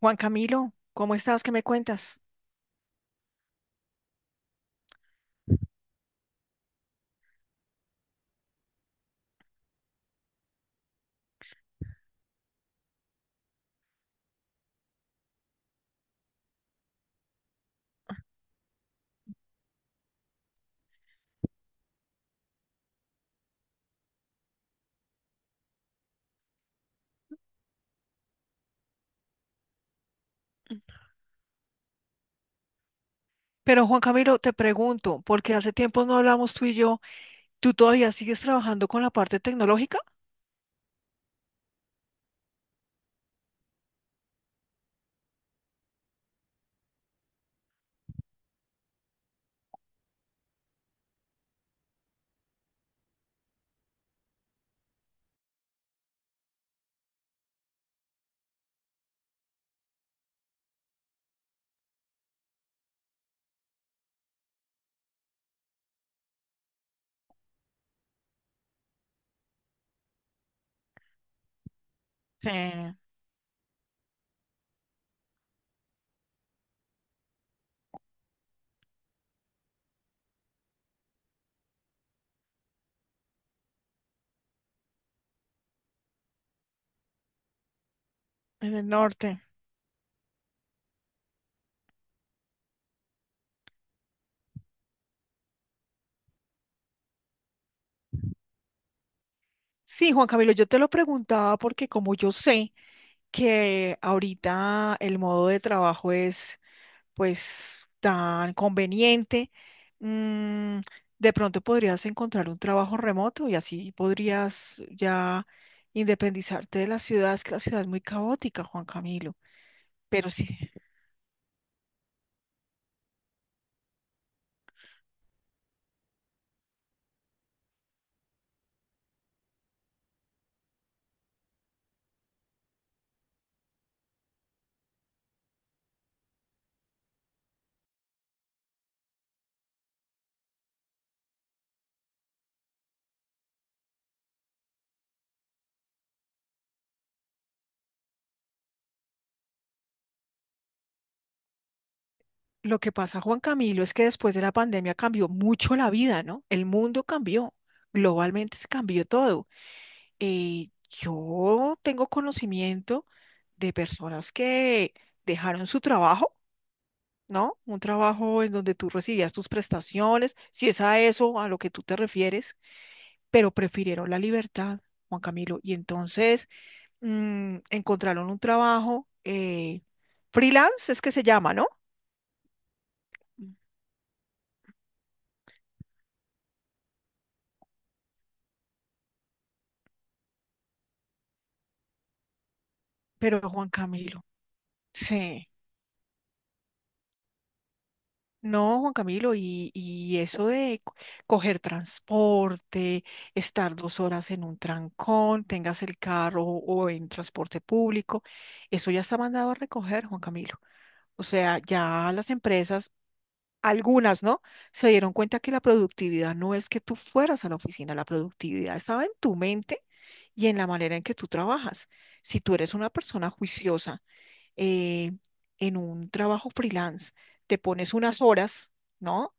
Juan Camilo, ¿cómo estás? ¿Qué me cuentas? Pero Juan Camilo, te pregunto, porque hace tiempo no hablamos tú y yo. ¿Tú todavía sigues trabajando con la parte tecnológica? Sí, en el norte. Sí, Juan Camilo, yo te lo preguntaba porque como yo sé que ahorita el modo de trabajo es pues tan conveniente, mm, de pronto podrías encontrar un trabajo remoto y así podrías ya independizarte de la ciudad. Es que la ciudad es muy caótica, Juan Camilo. Pero sí, lo que pasa, Juan Camilo, es que después de la pandemia cambió mucho la vida, ¿no? El mundo cambió, globalmente se cambió todo. Yo tengo conocimiento de personas que dejaron su trabajo, ¿no? Un trabajo en donde tú recibías tus prestaciones, si es a eso a lo que tú te refieres, pero prefirieron la libertad, Juan Camilo, y entonces encontraron un trabajo freelance, es que se llama, ¿no? Mm. Pero Juan Camilo, sí. No, Juan Camilo, y eso de coger transporte, estar dos horas en un trancón, tengas el carro o en transporte público, eso ya está mandado a recoger, Juan Camilo. O sea, ya las empresas, algunas, ¿no? Se dieron cuenta que la productividad no es que tú fueras a la oficina, la productividad estaba en tu mente y en la manera en que tú trabajas. Si tú eres una persona juiciosa, eh, en un trabajo freelance. Te pones unas horas, ¿no?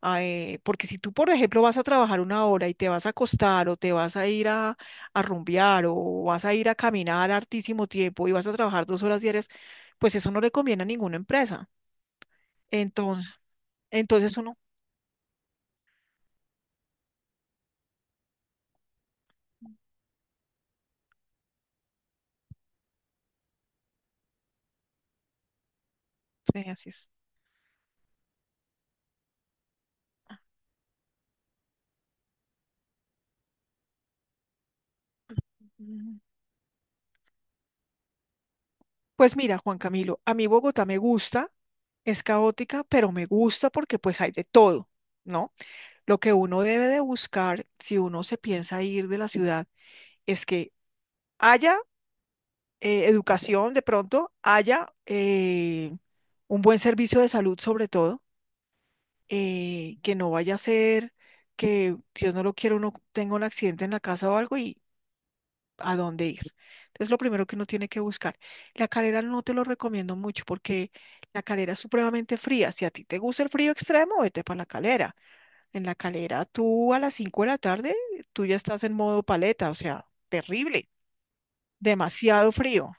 Ah, porque si tú, por ejemplo, vas a trabajar 1 hora y te vas a acostar o te vas a ir a rumbear o vas a ir a caminar hartísimo tiempo y vas a trabajar 2 horas diarias, pues eso no le conviene a ninguna empresa. Entonces, entonces uno, sí, así es. Mm. Pues mira, Juan Camilo, a mí Bogotá me gusta, es caótica, pero me gusta porque pues hay de todo, ¿no? Lo que uno debe de buscar si uno se piensa ir de la ciudad es que haya educación de pronto, haya un buen servicio de salud sobre todo, que no vaya a ser que Dios no lo quiera, uno tenga un accidente en la casa o algo y a dónde ir. Entonces lo primero que uno tiene que buscar. La Calera no te lo recomiendo mucho porque la Calera es supremamente fría. Si a ti te gusta el frío extremo, vete para la Calera. En la Calera, tú a las 5 de la tarde, tú ya estás en modo paleta, o sea, terrible, demasiado frío.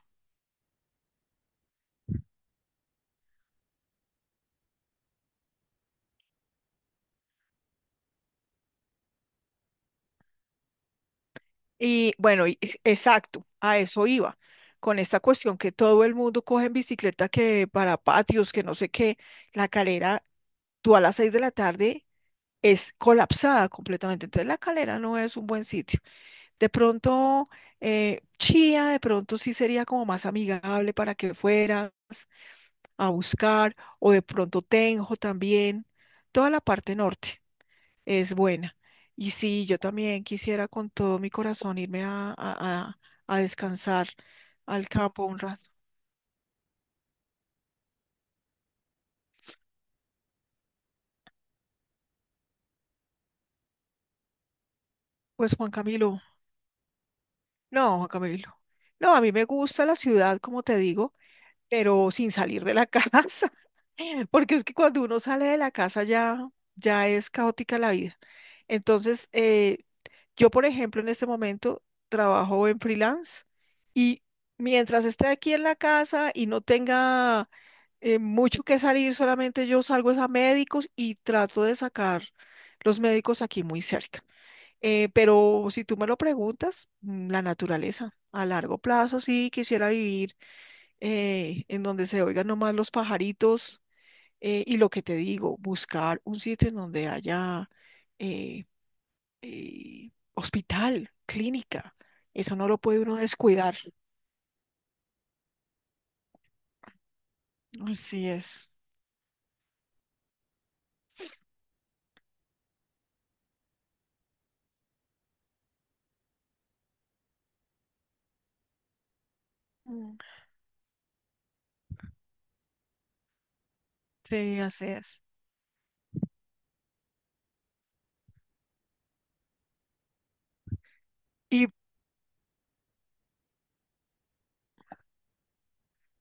Y bueno, exacto, a eso iba, con esta cuestión que todo el mundo coge en bicicleta, que para patios, que no sé qué, la Calera, tú a las 6 de la tarde es colapsada completamente, entonces la Calera no es un buen sitio. De pronto, Chía, de pronto sí sería como más amigable para que fueras a buscar, o de pronto Tenjo también. Toda la parte norte es buena. Y sí, yo también quisiera con todo mi corazón irme a descansar al campo un rato. Pues Juan Camilo. No, a mí me gusta la ciudad, como te digo. Pero sin salir de la casa, porque es que cuando uno sale de la casa ya, ya es caótica la vida. Entonces, yo, por ejemplo, en este momento trabajo en freelance y mientras esté aquí en la casa y no tenga mucho que salir, solamente yo salgo es a médicos y trato de sacar los médicos aquí muy cerca. Pero si tú me lo preguntas, la naturaleza, a largo plazo sí quisiera vivir en donde se oigan nomás los pajaritos y lo que te digo, buscar un sitio en donde haya eh, hospital, clínica. Eso no lo puede uno descuidar. Así es. Mm. Sí, así es. Y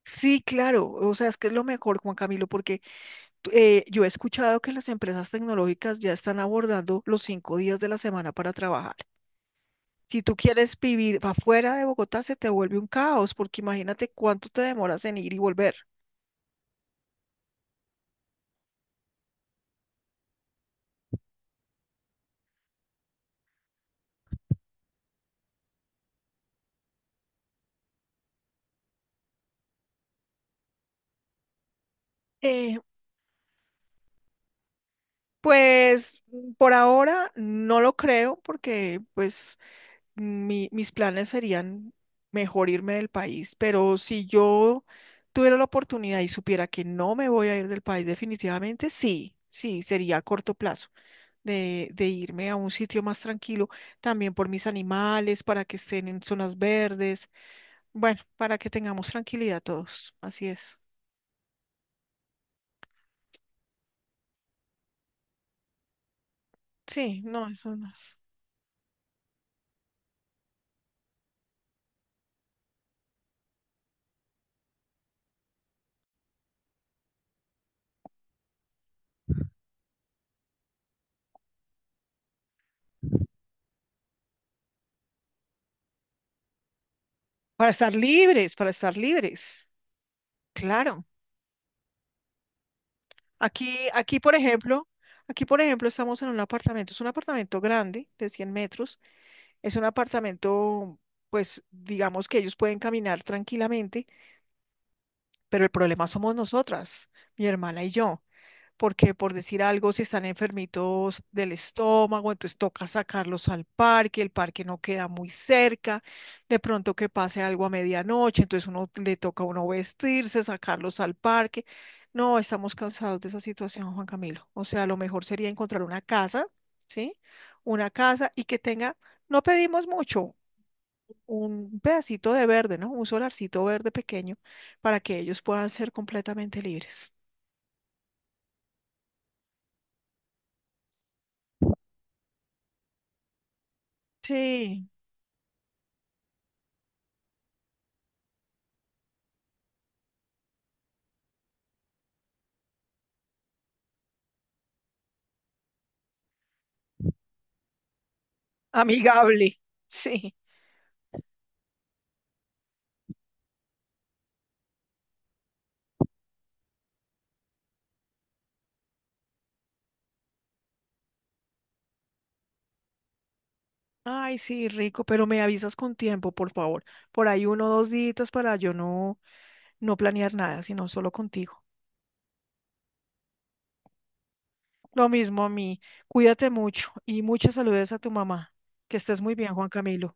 sí, claro, o sea, es que es lo mejor, Juan Camilo, porque tú- yo si tú quieres vivir afuera de Bogotá, se te vuelve un caos, porque imagínate cuánto te demoras en ir y volver. Eh, pues por ahora no lo creo, porque pues mis planes serían mejor irme del país, pero si yo tuviera la oportunidad y supiera que no me voy a ir del país definitivamente, sí, sí, sería a corto plazo de irme a un sitio más tranquilo, también por mis animales, para que estén en zonas verdes, bueno, para que tengamos tranquilidad todos, así es. Sí, no, eso no es. Para estar libres, claro. Aquí, aquí, por ejemplo, aquí, por ejemplo, estamos en un apartamento, es un apartamento grande, de 100 metros, es un apartamento, pues, digamos que ellos pueden caminar tranquilamente, pero el problema somos nosotras, mi hermana y yo porque por decir algo, si están enfermitos del estómago, entonces toca sacarlos al parque, el parque no queda muy cerca, de pronto que pase algo a medianoche, entonces uno le toca a uno vestirse, sacarlos al parque. No, estamos cansados de esa situación, Juan Camilo. O sea, lo mejor sería encontrar una casa, ¿sí? Una casa y que tenga, no pedimos mucho, un pedacito de verde, ¿no? Un solarcito verde pequeño para que ellos puedan ser completamente libres. Sí. Amigable. Sí, ay, sí, rico, pero me avisas con tiempo, por favor. Por ahí 1 o 2 días para yo no, no planear nada, sino solo contigo. Lo mismo a mí. Cuídate mucho y muchas saludes a tu mamá. Que estés muy bien, Juan Camilo.